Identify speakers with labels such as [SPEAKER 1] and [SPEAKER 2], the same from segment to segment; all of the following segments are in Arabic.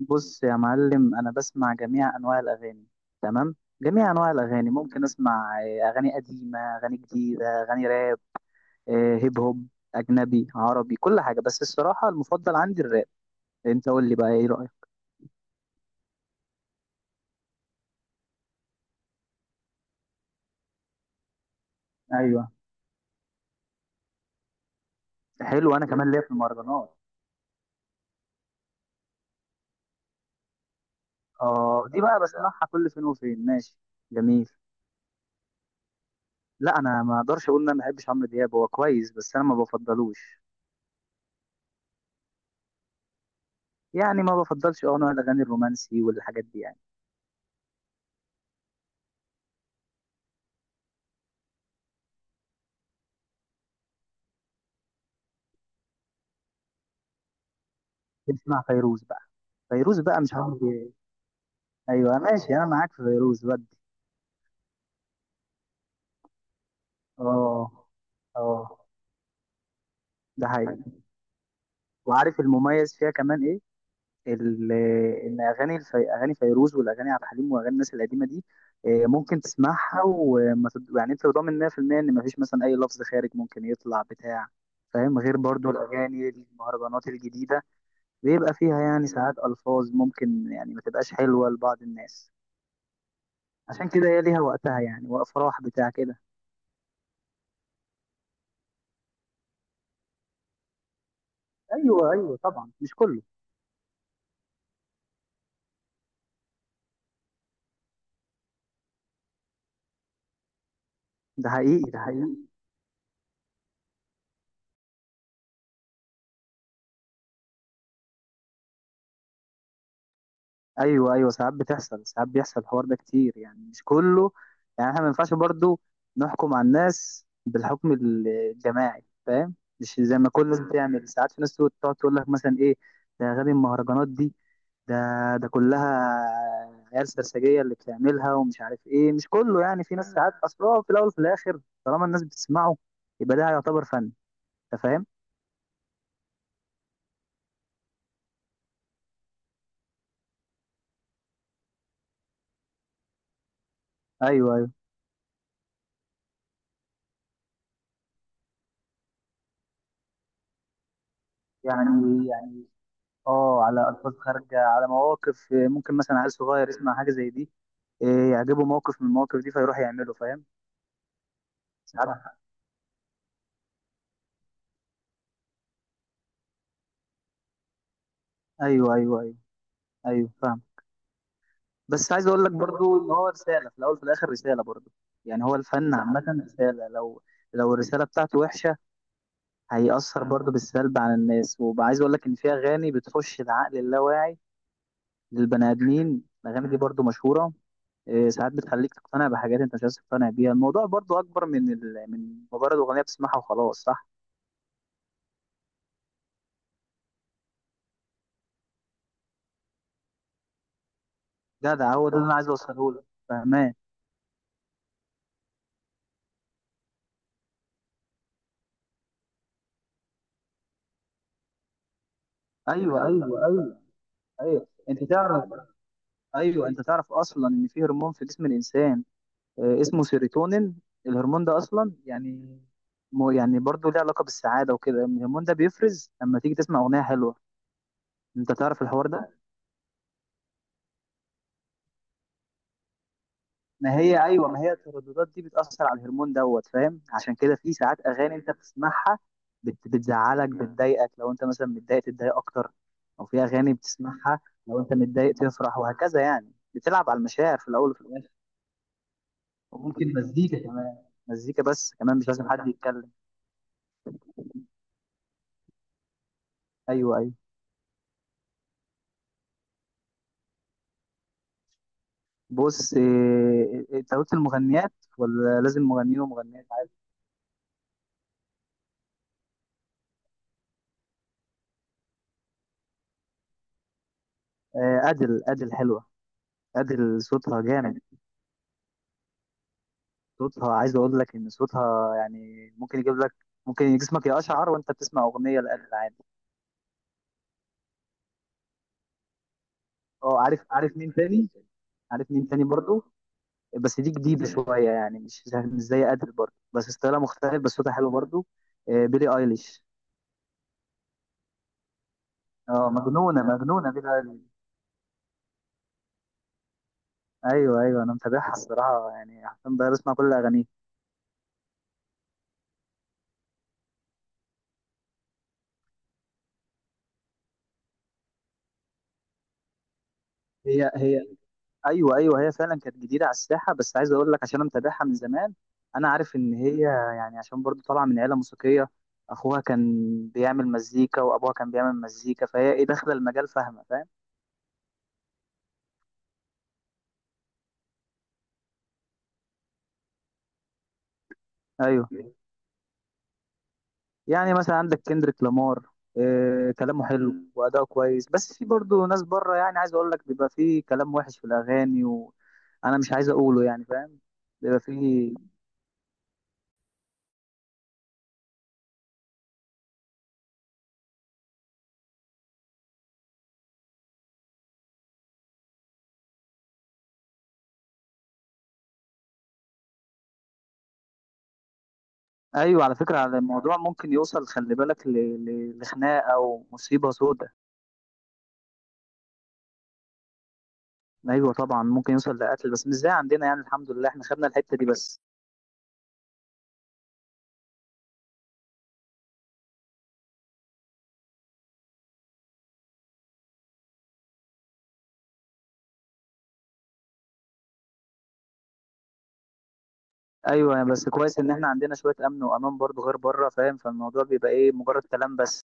[SPEAKER 1] بص يا معلم، انا بسمع جميع انواع الاغاني. تمام. جميع انواع الاغاني ممكن اسمع اغاني قديمه، اغاني جديده، اغاني راب، هيب هوب، اجنبي عربي كل حاجه. بس الصراحه المفضل عندي الراب. انت قول لي بقى ايه رايك؟ ايوه. حلو، انا كمان ليا في المهرجانات. اه دي بقى بسمعها كل فين وفين، ماشي. جميل. لا، انا ما اقدرش اقول ان انا ما بحبش عمرو دياب، هو كويس بس انا ما بفضلوش. يعني ما بفضلش، اه، نوع الاغاني الرومانسي والحاجات دي يعني. بنسمع فيروز بقى. فيروز بقى مش عمرو دياب. ايوه ماشي، انا معاك في فيروز ودي. اه. اه. ده حقيقي. وعارف المميز فيها كمان ايه؟ ال- ان اغاني اغاني فيروز والاغاني عبد الحليم واغاني الناس القديمه دي، ممكن تسمعها وما يعني انت ضامن 100% ان مفيش مثلا اي لفظ خارج ممكن يطلع بتاع. فاهم؟ غير برضو الاغاني المهرجانات الجديده بيبقى فيها يعني ساعات الفاظ ممكن يعني ما تبقاش حلوه لبعض الناس. عشان كده هي ليها وقتها يعني، وافراح بتاع كده. ايوه ايوه، طبعا مش كله. ده حقيقي ده حقيقي. ايوه ايوه، ساعات بتحصل، ساعات بيحصل الحوار ده كتير يعني، مش كله. يعني احنا ما ينفعش برضو نحكم على الناس بالحكم الجماعي. فاهم؟ مش زي ما كل الناس بتعمل. ساعات في ناس تقعد تقعد تقول لك مثلا ايه: ده غبي المهرجانات دي، ده، ده عيال سرسجيه اللي بتعملها ومش عارف ايه. مش كله يعني، في ناس. ساعات اصل هو في الاول وفي الاخر طالما الناس بتسمعه يبقى ده يعتبر فن. انت فاهم؟ ايوه ايوه. يعني يعني اه، على الفاظ خارجه، على مواقف ممكن مثلا عيل صغير يسمع حاجه زي دي، إيه، يعجبه موقف من المواقف دي فيروح يعمله. فاهم؟ ساعات صح. ايوه ايوه ايوه. ايوه فاهم. بس عايز اقول لك برضو ان هو رساله في الاول وفي الاخر، رساله برضو. يعني هو الفن عامه رساله. لو لو الرساله بتاعته وحشه هيأثر برضو بالسلب على الناس. وعايز اقول لك ان في اغاني بتخش العقل اللاواعي للبني ادمين، الاغاني دي برضو مشهوره. إيه، ساعات بتخليك تقتنع بحاجات انت مش عايز تقتنع بيها. الموضوع برضو اكبر من من مجرد اغنيه بتسمعها وخلاص. صح. جدع، هو ده اللي انا عايز اوصله لك. فاهمان؟ ايوه ايوه ايوه ايوه. انت تعرف، ايوه انت تعرف اصلا ان في هرمون في جسم الانسان، اسمه سيروتونين. الهرمون ده اصلا يعني، مو يعني برضه ليه علاقه بالسعاده وكده. الهرمون ده بيفرز لما تيجي تسمع اغنيه حلوه. انت تعرف الحوار ده؟ ما هي ايوه، ما هي الترددات دي بتاثر على الهرمون دوت. فاهم؟ عشان كده في ساعات اغاني انت بتسمعها بتزعلك، بتضايقك، لو انت مثلا متضايق تتضايق اكتر. او في اغاني بتسمعها لو انت متضايق تفرح، وهكذا. يعني بتلعب على المشاعر في الاول وفي الاخر. وممكن مزيكا كمان، مزيكا بس كمان، مش لازم حد يتكلم. ايوه ايوه. بص إيه، انت قلت المغنيات ولا لازم مغنيين ومغنيات؟ ادل، ادل حلوه، ادل صوتها جامد. صوتها، عايز اقول لك ان صوتها يعني ممكن يجيب لك، ممكن جسمك يقشعر وانت بتسمع اغنيه لادل، عادي. اه عارف. عارف مين تاني؟ عارف مين تاني برضو، بس دي جديده شويه يعني مش زي ادل برضو، بس ستايلها مختلف، بس صوتها حلو برضو، بيلي ايليش. اه مجنونه، مجنونه بيلي ايليش. ايوه ايوه، انا متابعها الصراحه يعني حرفيا بقى بسمع كل اغانيه. هي. ايوه ايوه، هي فعلا كانت جديده على الساحه، بس عايز اقول لك، عشان انا متابعها من زمان انا عارف ان هي يعني، عشان برضو طالعه من عيله موسيقيه. اخوها كان بيعمل مزيكا وابوها كان بيعمل مزيكا، فهي ايه داخله المجال فاهمه. فاهم؟ ايوه. يعني مثلا عندك كندريك لامار، إيه، كلامه حلو واداؤه كويس. بس في برضو ناس بره، يعني عايز اقول لك بيبقى في كلام وحش في الاغاني وانا مش عايز اقوله يعني. فاهم؟ بيبقى في. ايوه، على فكره، على الموضوع ممكن يوصل، خلي بالك، لخناقه او مصيبه سودة. ايوه طبعا، ممكن يوصل لقتل بس مش زي عندنا. يعني الحمد لله احنا خدنا الحته دي بس. ايوه، بس كويس ان احنا عندنا شويه امن وامان برضو غير بره. فاهم؟ فالموضوع بيبقى ايه، مجرد كلام بس.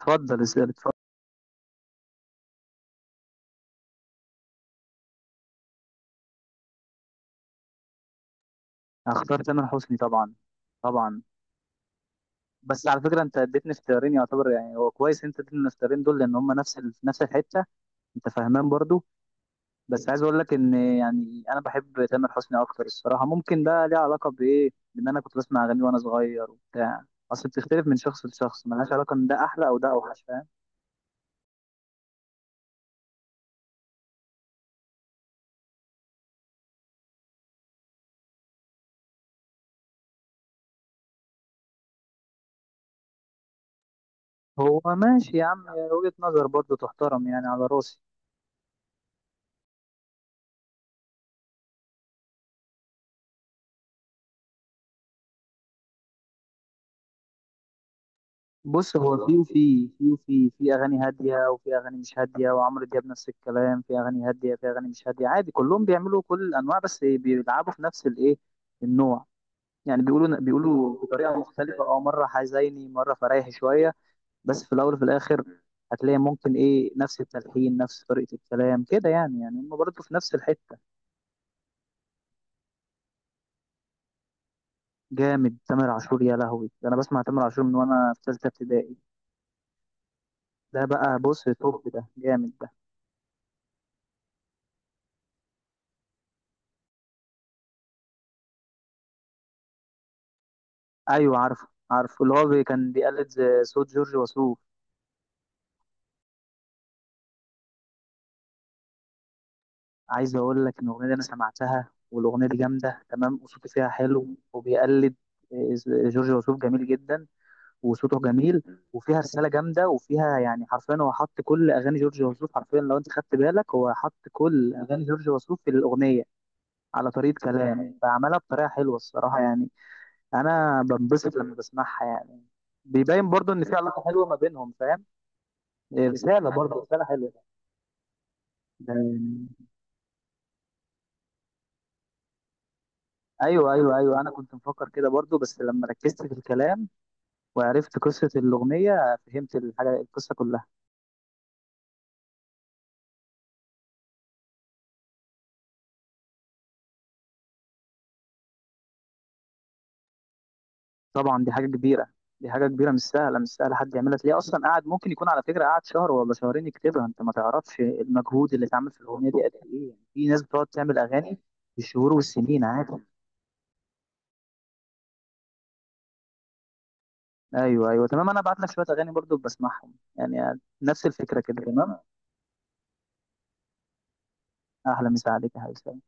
[SPEAKER 1] اتفضل اسال، اتفضل. هختار تامر حسني طبعا. طبعا. بس على فكره، انت اديتني اختيارين يعتبر، يعني هو كويس انت اديتني الاختيارين دول لان هم نفس في نفس الحته. انت فاهمان برضو؟ بس عايز اقول لك ان يعني انا بحب تامر حسني اكتر الصراحه. ممكن ده ليه علاقه بايه، بان انا كنت بسمع اغاني وانا صغير وبتاع. اصل بتختلف من شخص لشخص، ملهاش علاقه ان ده احلى او ده اوحش. فاهم؟ هو ماشي يا عم، وجهه نظر برضه تحترم يعني، على راسي. بص، هو في اغاني هاديه وفي اغاني مش هاديه، وعمرو دياب نفس الكلام، في اغاني هاديه في اغاني مش هاديه، عادي. كلهم بيعملوا كل الانواع، بس بيلعبوا في نفس الايه، النوع. يعني بيقولوا بطريقه مختلفه، اه، مره حزيني مره فريحي شويه. بس في الاول وفي الاخر هتلاقي ممكن ايه نفس التلحين، نفس طريقه الكلام كده يعني. يعني هم برضه في نفس الحته. جامد تامر عاشور، يا لهوي، ده انا بسمع تامر عاشور من وانا في ثالثه ابتدائي. ده بقى بص توب، ده جامد ده. ايوه عارفه عارفه، اللي هو كان بيقلد زي صوت جورج وسوف. عايز اقول لك ان الاغنيه دي انا سمعتها والاغنيه دي جامده تمام، وصوتي فيها حلو وبيقلد آه، جورج وسوف، جميل جدا وصوته جميل. وفيها رساله جامده، وفيها يعني حرفيا هو حط كل اغاني جورج وسوف حرفيا، لو انت خدت بالك هو حط كل اغاني جورج وسوف في الاغنيه على طريقه كلام. فعملها بطريقه حلوه الصراحه يعني، انا بنبسط لما بسمعها يعني. بيبين برضو ان في علاقه حلوه ما بينهم. فاهم؟ إيه، رساله برضو، رساله حلوه ده يعني. ايوه ايوه ايوه، انا كنت مفكر كده برضو، بس لما ركزت في الكلام وعرفت قصه الاغنيه فهمت الحاجه، القصه كلها. طبعا دي حاجه كبيره، دي حاجه كبيره مش سهله، مش سهله حد يعملها، تلاقيه اصلا قاعد ممكن يكون على فكره قاعد شهر ولا شهرين يكتبها. انت ما تعرفش المجهود اللي اتعمل في الاغنيه دي قد ايه. يعني في ناس بتقعد تعمل اغاني بالشهور والسنين عادي. ايوه ايوه تمام، انا ابعت لك شويه اغاني برضو بسمعهم يعني نفس الفكره كده. تمام. اهلا، مسا عليك يا حبيبي.